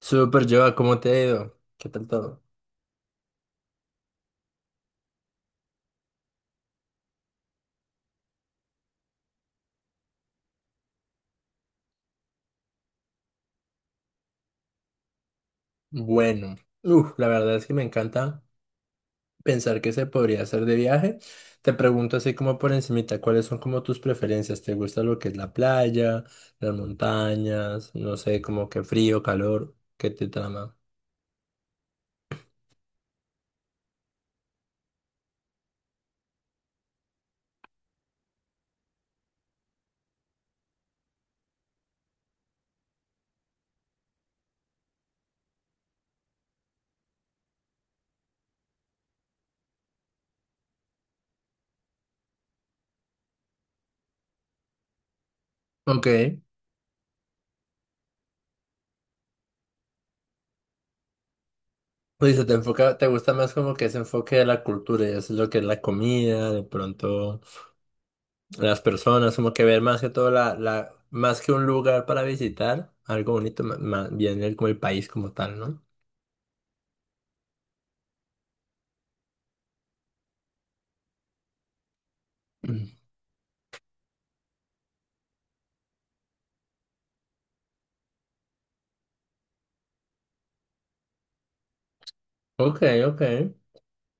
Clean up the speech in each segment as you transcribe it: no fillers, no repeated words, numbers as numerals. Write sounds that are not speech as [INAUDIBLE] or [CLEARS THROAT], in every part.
Súper, Joa, ¿cómo te ha ido? ¿Qué tal todo? Bueno, la verdad es que me encanta pensar que se podría hacer de viaje. Te pregunto así como por encimita, ¿cuáles son como tus preferencias? ¿Te gusta lo que es la playa, las montañas, no sé, como que frío, calor, qué te trama? Ok, pues se te enfoca, te gusta más como que ese enfoque de la cultura y eso es lo que es la comida, de pronto. Las personas, como que ver más que todo la, más que un lugar para visitar, algo bonito, más bien el, como el país como tal, ¿no? Mm. Ok, ok.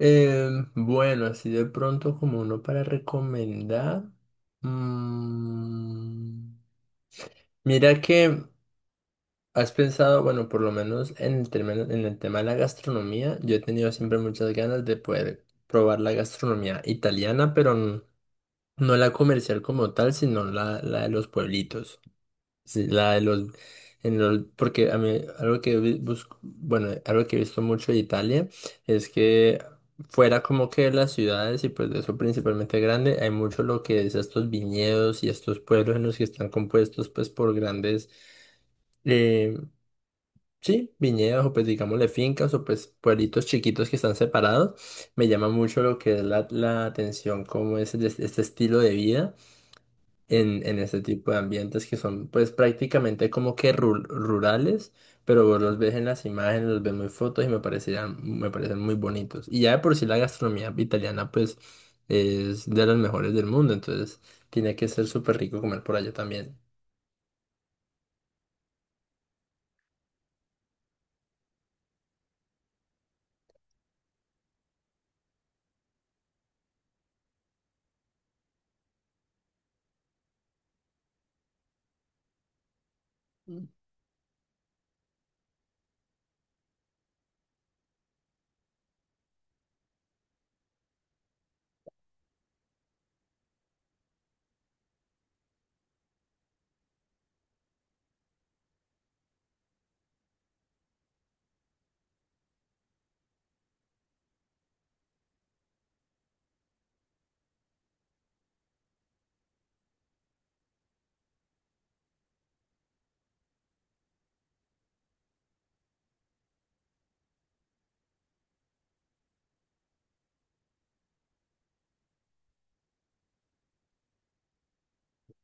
Eh, bueno, así de pronto como uno para recomendar. mm, mira que has pensado, bueno, por lo menos en en el tema de la gastronomía, yo he tenido siempre muchas ganas de poder probar la gastronomía italiana, pero no la comercial como tal, sino la de los pueblitos. Sí, la de los, en los, porque a mí algo que busco, bueno, algo que he visto mucho de Italia es que fuera como que de las ciudades y pues de eso principalmente grande, hay mucho lo que es estos viñedos y estos pueblos en los que están compuestos pues por grandes, eh, sí, viñedos o pues digámosle fincas o pues pueblitos chiquitos que están separados. Me llama mucho lo que es la atención, cómo es este estilo de vida en este tipo de ambientes que son pues prácticamente como que rurales, pero vos los ves en las imágenes, los ves muy fotos y me parecen muy bonitos. Y ya de por sí la gastronomía italiana pues es de las mejores del mundo, entonces tiene que ser súper rico comer por allá también.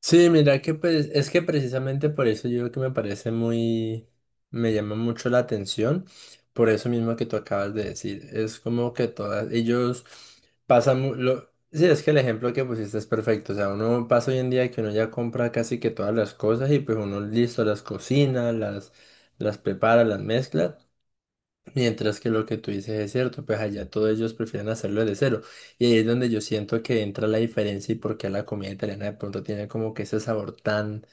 Sí, mira que pues es que precisamente por eso yo que me parece muy, me llama mucho la atención, por eso mismo que tú acabas de decir, es como que todas, ellos pasan, sí, es que el ejemplo que pusiste es perfecto, o sea, uno pasa hoy en día que uno ya compra casi que todas las cosas y pues uno listo las cocina, las prepara, las mezcla. Mientras que lo que tú dices es cierto, pues allá todos ellos prefieren hacerlo de cero. Y ahí es donde yo siento que entra la diferencia y por qué la comida italiana de pronto tiene como que ese sabor tan,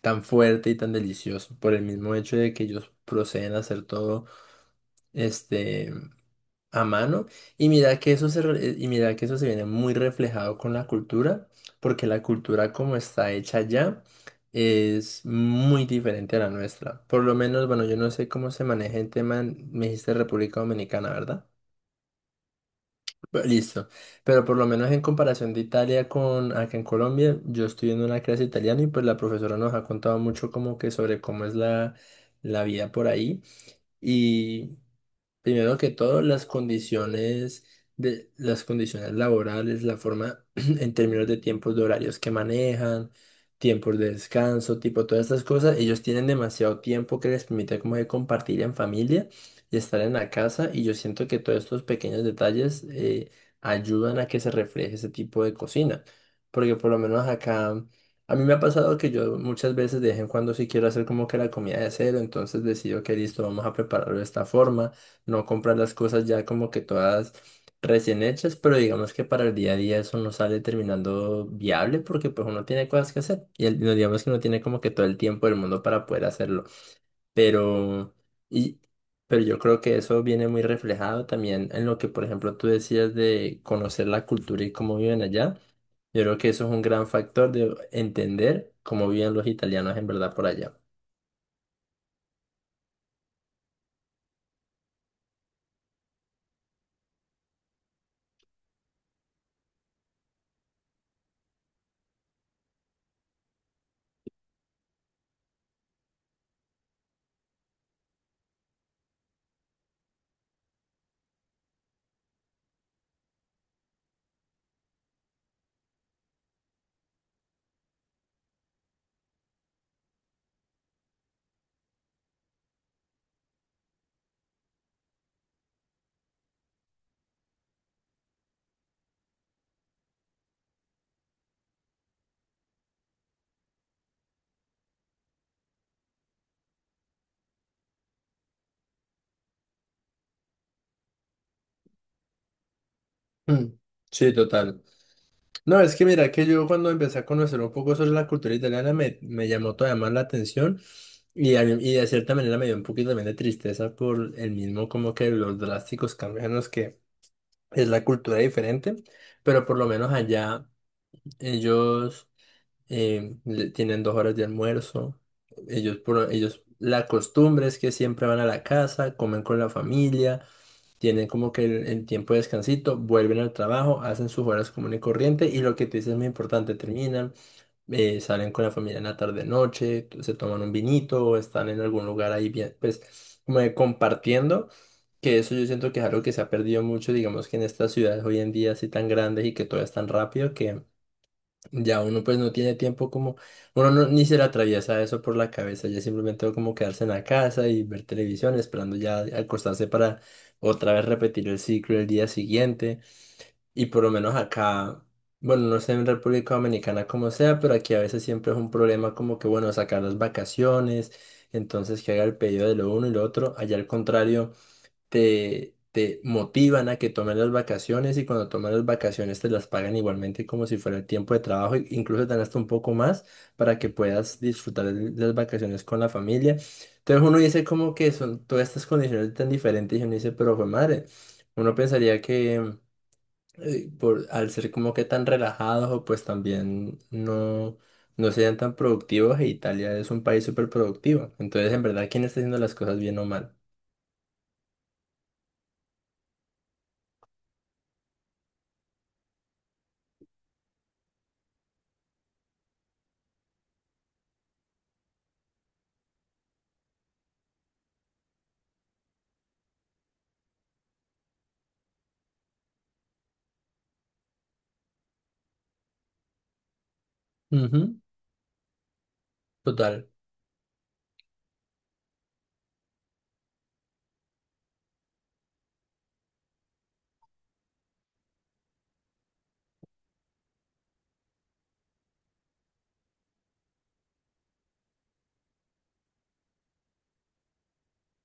tan fuerte y tan delicioso. Por el mismo hecho de que ellos proceden a hacer todo, este a mano, y mira que y mira que eso se viene muy reflejado con la cultura, porque la cultura como está hecha ya es muy diferente a la nuestra. Por lo menos, bueno, yo no sé cómo se maneja el tema, me dijiste República Dominicana, ¿verdad? Listo, pero por lo menos en comparación de Italia con acá en Colombia, yo estoy en una clase de italiano y pues la profesora nos ha contado mucho como que sobre cómo es la vida por ahí. Primero que todo, las condiciones de las condiciones laborales, la forma [CLEARS THROAT] en términos de tiempos de horarios que manejan, tiempos de descanso, tipo todas estas cosas, ellos tienen demasiado tiempo que les permite como que compartir en familia y estar en la casa, y yo siento que todos estos pequeños detalles ayudan a que se refleje ese tipo de cocina, porque por lo menos acá a mí me ha pasado que yo muchas veces de vez en cuando sí quiero hacer como que la comida de cero, entonces decido que listo, vamos a prepararlo de esta forma, no comprar las cosas ya como que todas recién hechas, pero digamos que para el día a día eso no sale terminando viable porque pues uno tiene cosas que hacer y no digamos que uno tiene como que todo el tiempo del mundo para poder hacerlo, pero y pero yo creo que eso viene muy reflejado también en lo que por ejemplo tú decías de conocer la cultura y cómo viven allá. Yo creo que eso es un gran factor de entender cómo viven los italianos en verdad por allá. Mm, Sí, total. No, es que mira que yo cuando empecé a conocer un poco sobre la cultura italiana me llamó todavía más la atención y, a- mí y de cierta manera me dio un poquito también de tristeza por el mismo como que los drásticos cambios en los que es la cultura diferente, pero por lo menos allá ellos tienen 2 horas de almuerzo, ellos la costumbre es que siempre van a la casa, comen con la familia, tienen como que el tiempo de descansito, vuelven al trabajo, hacen sus horas común y corriente, y lo que te dices es muy importante, terminan, salen con la familia en la tarde noche, se toman un vinito o están en algún lugar ahí bien, pues como de compartiendo, que eso yo siento que es algo que se ha perdido mucho, digamos que en estas ciudades hoy en día así tan grandes y que todo es tan rápido que... Ya uno pues no tiene tiempo como, uno no, ni se le atraviesa eso por la cabeza, ya simplemente como quedarse en la casa y ver televisión esperando ya acostarse para otra vez repetir el ciclo el día siguiente. Y por lo menos acá, bueno, no sé en República Dominicana como sea, pero aquí a veces siempre es un problema como que, bueno, sacar las vacaciones, entonces que haga el pedido de lo uno y lo otro. Allá al contrario te motivan a que tomes las vacaciones, y cuando tomas las vacaciones te las pagan igualmente como si fuera el tiempo de trabajo, e incluso te dan hasta un poco más para que puedas disfrutar de las vacaciones con la familia. Entonces uno dice como que son todas estas condiciones tan diferentes y uno dice, pero fue madre, uno pensaría que al ser como que tan relajados o pues también no... no sean tan productivos, e Italia es un país súper productivo. Entonces, en verdad, ¿quién está haciendo las cosas bien o mal? Ujú. Total.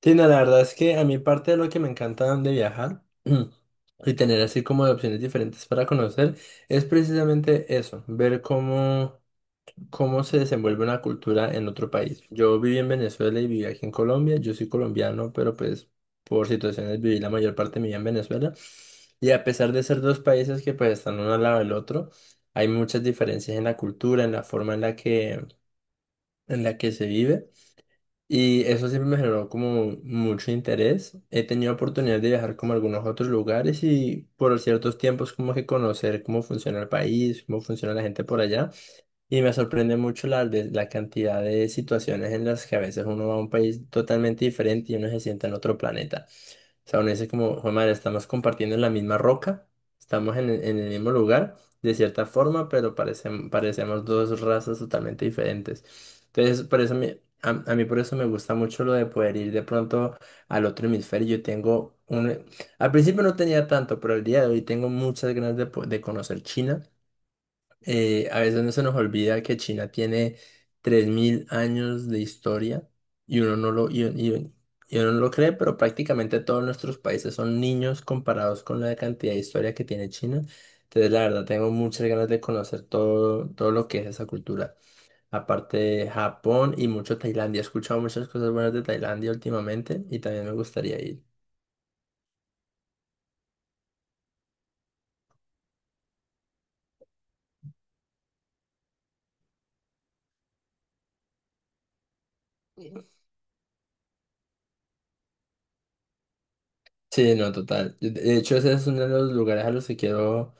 Sí, no, la verdad es que a mí parte de lo que me encanta de viajar [CLEARS THROAT] y tener así como de opciones diferentes para conocer es precisamente eso, ver cómo, cómo se desenvuelve una cultura en otro país. Yo viví en Venezuela y viví aquí en Colombia, yo soy colombiano, pero pues por situaciones viví la mayor parte de mi vida en Venezuela, y a pesar de ser dos países que pues están uno al lado del otro, hay muchas diferencias en la cultura, en la forma en la que se vive. Y eso siempre me generó como mucho interés. He tenido oportunidad de viajar como a algunos otros lugares y por ciertos tiempos como que conocer cómo funciona el país, cómo funciona la gente por allá. Y me sorprende mucho la cantidad de situaciones en las que a veces uno va a un país totalmente diferente y uno se siente en otro planeta. O sea, uno dice como, "Jue madre, estamos compartiendo la misma roca, estamos en el mismo lugar, de cierta forma, pero parecemos dos razas totalmente diferentes. Entonces, a mí por eso me gusta mucho lo de poder ir de pronto al otro hemisferio. Yo tengo un... Al principio no tenía tanto, pero el día de hoy tengo muchas ganas de, de conocer China. A veces no se nos olvida que China tiene 3000 años de historia, y uno no lo, y- y- uno no lo cree, pero prácticamente todos nuestros países son niños comparados con la cantidad de historia que tiene China. Entonces, la verdad, tengo muchas ganas de conocer todo, todo lo que es esa cultura. Aparte de Japón, y mucho Tailandia. He escuchado muchas cosas buenas de Tailandia últimamente y también me gustaría ir. Sí, no, total. De hecho, ese es uno de los lugares a los que quiero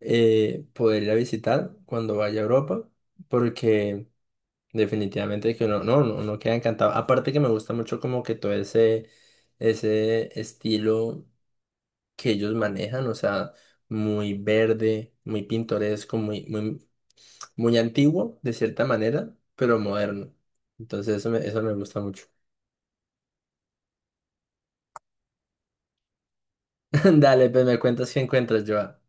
poder ir a visitar cuando vaya a Europa, porque definitivamente que uno, no, no, uno queda encantado. Aparte que me gusta mucho como que todo ese, ese estilo que ellos manejan, o sea, muy verde, muy pintoresco, muy antiguo de cierta manera, pero moderno. Entonces eso me gusta mucho. [LAUGHS] Dale, pues me cuentas qué encuentras, Joa.